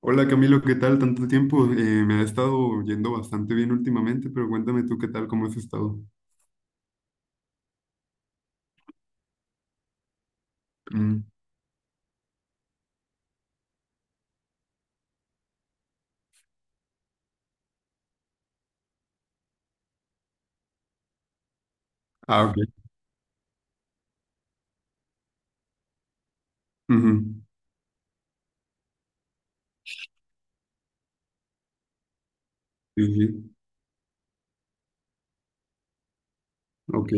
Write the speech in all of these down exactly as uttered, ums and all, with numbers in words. Hola Camilo, ¿qué tal? Tanto tiempo. Eh, me ha estado yendo bastante bien últimamente, pero cuéntame tú qué tal, cómo has estado. Mm. Ah, ok. Ujú. Sí, sí. Ok.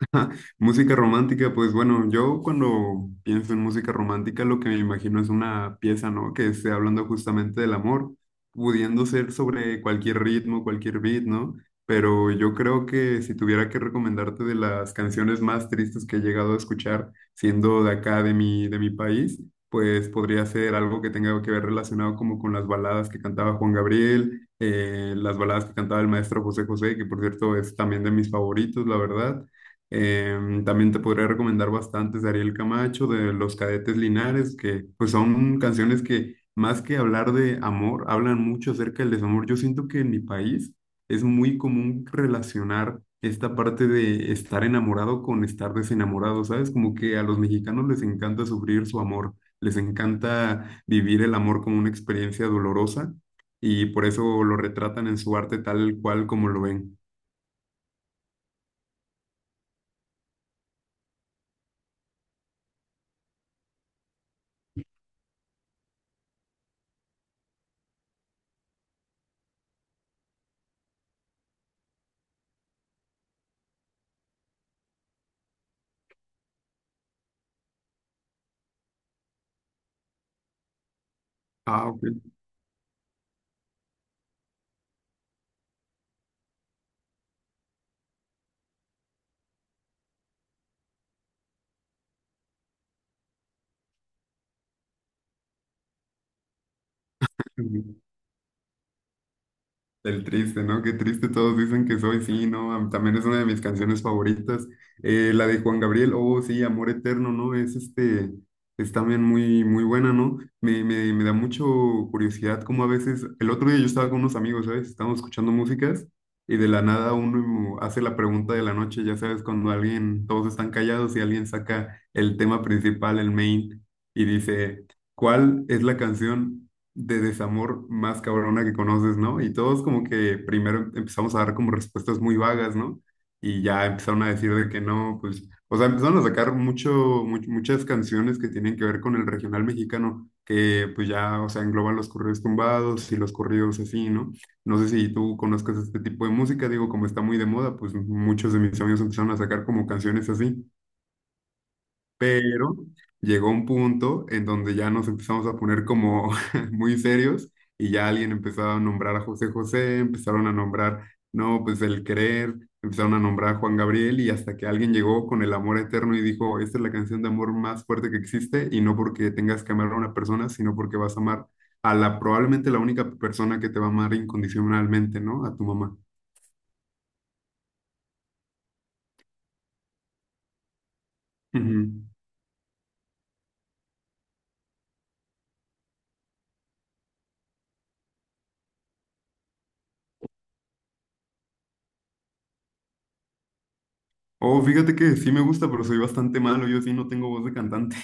Música romántica, pues bueno, yo cuando pienso en música romántica lo que me imagino es una pieza, ¿no? Que esté hablando justamente del amor, pudiendo ser sobre cualquier ritmo, cualquier beat, ¿no? Pero yo creo que si tuviera que recomendarte de las canciones más tristes que he llegado a escuchar, siendo de acá, de mi, de mi país, pues podría ser algo que tenga que ver relacionado como con las baladas que cantaba Juan Gabriel, eh, las baladas que cantaba el maestro José José, que por cierto es también de mis favoritos, la verdad. Em, también te podría recomendar bastantes de Ariel Camacho, de Los Cadetes Linares, que pues son canciones que más que hablar de amor, hablan mucho acerca del desamor. Yo siento que en mi país es muy común relacionar esta parte de estar enamorado con estar desenamorado, ¿sabes? Como que a los mexicanos les encanta sufrir su amor, les encanta vivir el amor como una experiencia dolorosa y por eso lo retratan en su arte tal cual como lo ven. Ah, ok. El triste, ¿no? Qué triste todos dicen que soy, sí, ¿no? Am- También es una de mis canciones favoritas. Eh, la de Juan Gabriel, oh, sí, Amor Eterno, ¿no? Es este, es también muy, muy buena, ¿no? Me, me, me da mucho curiosidad como a veces, el otro día yo estaba con unos amigos, ¿sabes? Estábamos escuchando músicas y de la nada uno hace la pregunta de la noche, ya sabes, cuando alguien, todos están callados y alguien saca el tema principal, el main, y dice, ¿cuál es la canción de desamor más cabrona que conoces, ¿no? Y todos como que primero empezamos a dar como respuestas muy vagas, ¿no? Y ya empezaron a decir de que no, pues, o sea, empezaron a sacar mucho, mu- muchas canciones que tienen que ver con el regional mexicano, que pues ya, o sea, engloban los corridos tumbados y los corridos así, ¿no? No sé si tú conozcas este tipo de música, digo, como está muy de moda, pues muchos de mis amigos empezaron a sacar como canciones así. Pero llegó un punto en donde ya nos empezamos a poner como muy serios y ya alguien empezó a nombrar a José José, empezaron a nombrar, no, pues el querer, empezaron a nombrar a Juan Gabriel y hasta que alguien llegó con el amor eterno y dijo, esta es la canción de amor más fuerte que existe y no porque tengas que amar a una persona, sino porque vas a amar a la probablemente la única persona que te va a amar incondicionalmente, ¿no? A tu mamá. Ujú. Oh, fíjate que sí me gusta, pero soy bastante malo, yo sí no tengo voz de cantante.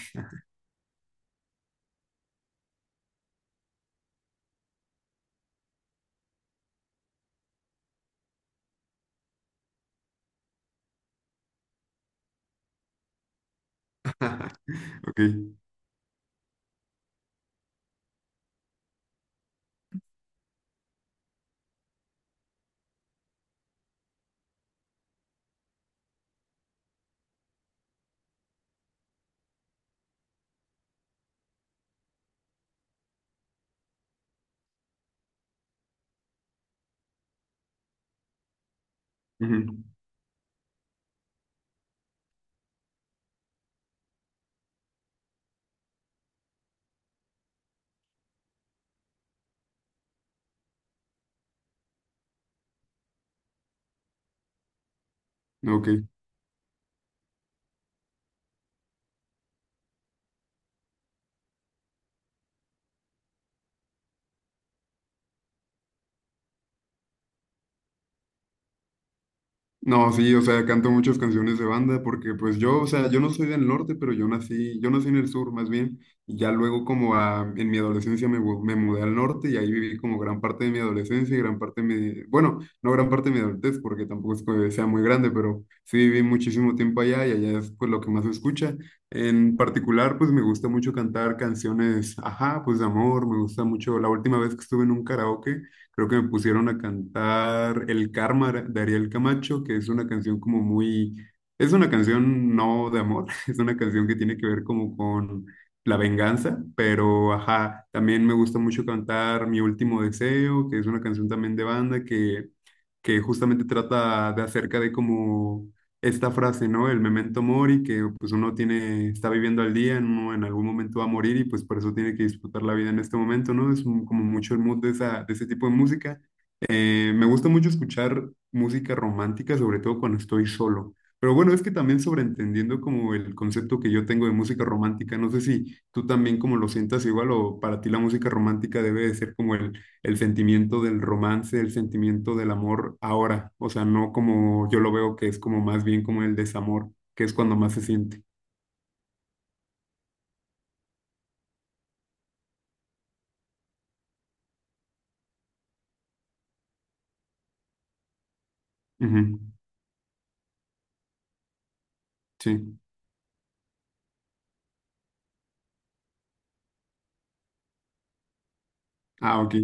Ok. Ujú. Ok. No, sí, o sea, canto muchas canciones de banda porque pues yo, o sea, yo no soy del norte, pero yo nací, yo nací en el sur más bien, y ya luego como a- en mi adolescencia me, mu- me mudé al norte y ahí viví como gran parte de mi adolescencia y gran parte de mi, bueno, no gran parte de mi adultez porque tampoco es que sea muy grande, pero sí viví muchísimo tiempo allá y allá es pues lo que más se escucha. En particular, pues me gusta mucho cantar canciones, ajá, pues de amor, me gusta mucho, la última vez que estuve en un karaoke. Creo que me pusieron a cantar El Karma de Ariel Camacho, que es una canción como muy, es una canción no de amor, es una canción que tiene que ver como con la venganza, pero ajá, también me gusta mucho cantar Mi Último Deseo, que es una canción también de banda que, que justamente trata de acerca de como esta frase, ¿no? El memento mori, que pues uno tiene, está viviendo al día, uno en algún momento va a morir y pues por eso tiene que disfrutar la vida en este momento, ¿no? Es un- como mucho el mood de esa, de ese tipo de música. Eh, me gusta mucho escuchar música romántica, sobre todo cuando estoy solo. Pero bueno, es que también sobreentendiendo como el concepto que yo tengo de música romántica, no sé si tú también como lo sientas igual o para ti la música romántica debe de ser como el el sentimiento del romance, el sentimiento del amor ahora, o sea, no como yo lo veo que es como más bien como el desamor, que es cuando más se siente. Ujú. Sí. Ah, ok,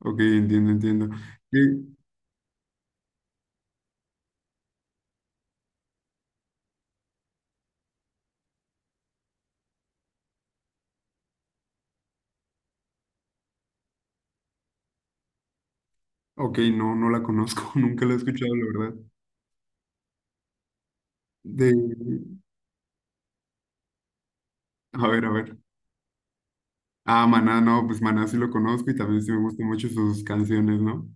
ok, entiendo, entiendo. Sí. Ok, no, no la conozco, nunca la he escuchado, la verdad. De, a ver, a ver. Ah, Maná, no, pues Maná sí lo conozco y también sí me gustan mucho sus canciones, ¿no?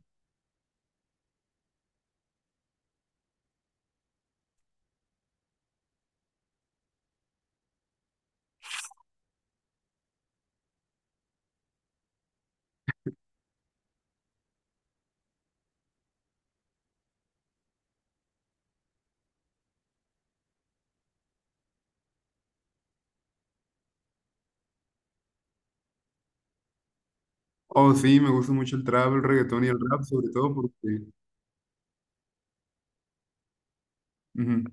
Oh, sí, me gusta mucho el trap, el reggaetón y el rap, sobre todo porque... Ujú.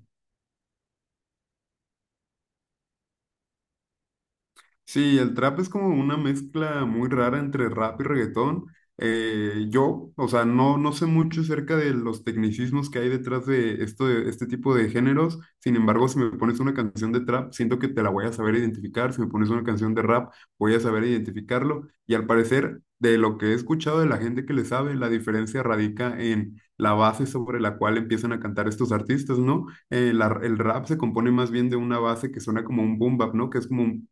Sí, el trap es como una mezcla muy rara entre rap y reggaetón. Eh, yo, o sea, no, no sé mucho acerca de los tecnicismos que hay detrás de, esto, de este tipo de géneros. Sin embargo, si me pones una canción de trap, siento que te la voy a saber identificar. Si me pones una canción de rap, voy a saber identificarlo. Y al parecer, de lo que he escuchado de la gente que le sabe, la diferencia radica en la base sobre la cual empiezan a cantar estos artistas, ¿no? Eh, la- el rap se compone más bien de una base que suena como un boom bap, ¿no? Que es como un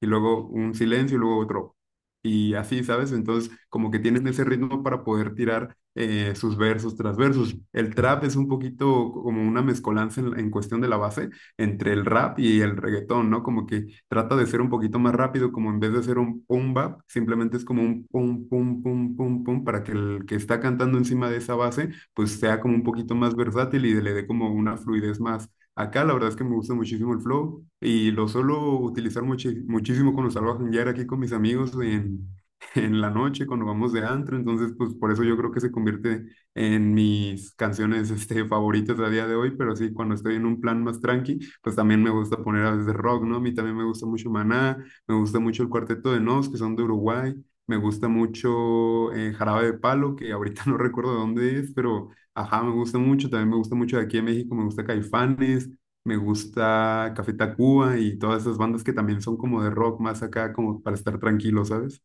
y luego un silencio y luego otro. Y así, ¿sabes? Entonces, como que tienen ese ritmo para poder tirar eh, sus versos tras versos. El trap es un poquito como una mezcolanza en, en cuestión de la base entre el rap y el reggaetón, ¿no? Como que trata de ser un poquito más rápido, como en vez de ser un pum bap, simplemente es como un pum, pum, pum, pum, pum, para que el que está cantando encima de esa base, pues sea como un poquito más versátil y le dé como una fluidez más. Acá la verdad es que me gusta muchísimo el flow y lo suelo utilizar muchi- muchísimo cuando salgo a janguear aquí con mis amigos en, en la noche, cuando vamos de antro. Entonces, pues por eso yo creo que se convierte en mis canciones este, favoritas a día de hoy. Pero sí, cuando estoy en un plan más tranqui, pues también me gusta poner a veces rock, ¿no? A mí también me gusta mucho Maná, me gusta mucho el Cuarteto de Nos, que son de Uruguay. Me gusta mucho eh, Jarabe de Palo, que ahorita no recuerdo de dónde es, pero... Ajá, me gusta mucho, también me gusta mucho de aquí en México, me gusta Caifanes, me gusta Café Tacuba y todas esas bandas que también son como de rock más acá, como para estar tranquilo, ¿sabes?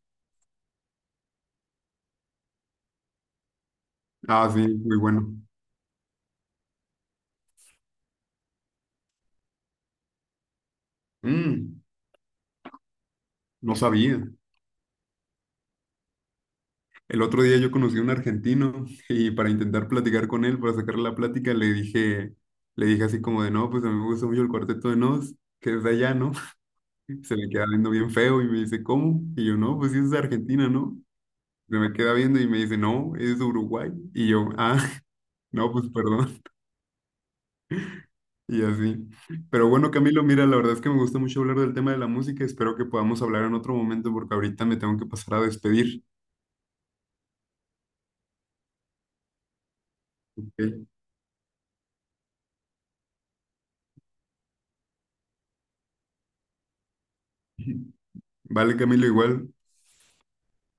Ah, sí, muy bueno. Mm, no sabía. El otro día yo conocí a un argentino y para intentar platicar con él, para sacarle la plática, le dije, le dije así como de, no, pues a mí me gusta mucho el Cuarteto de Nos, que es de allá, ¿no? Se le queda viendo bien feo y me dice, ¿cómo? Y yo, no, pues sí es de Argentina, ¿no? Se me queda viendo y me dice, no, es de Uruguay. Y yo, ah, no, pues perdón. Y así. Pero bueno, Camilo, mira, la verdad es que me gusta mucho hablar del tema de la música. Espero que podamos hablar en otro momento porque ahorita me tengo que pasar a despedir. Ok. Vale, Camilo, igual.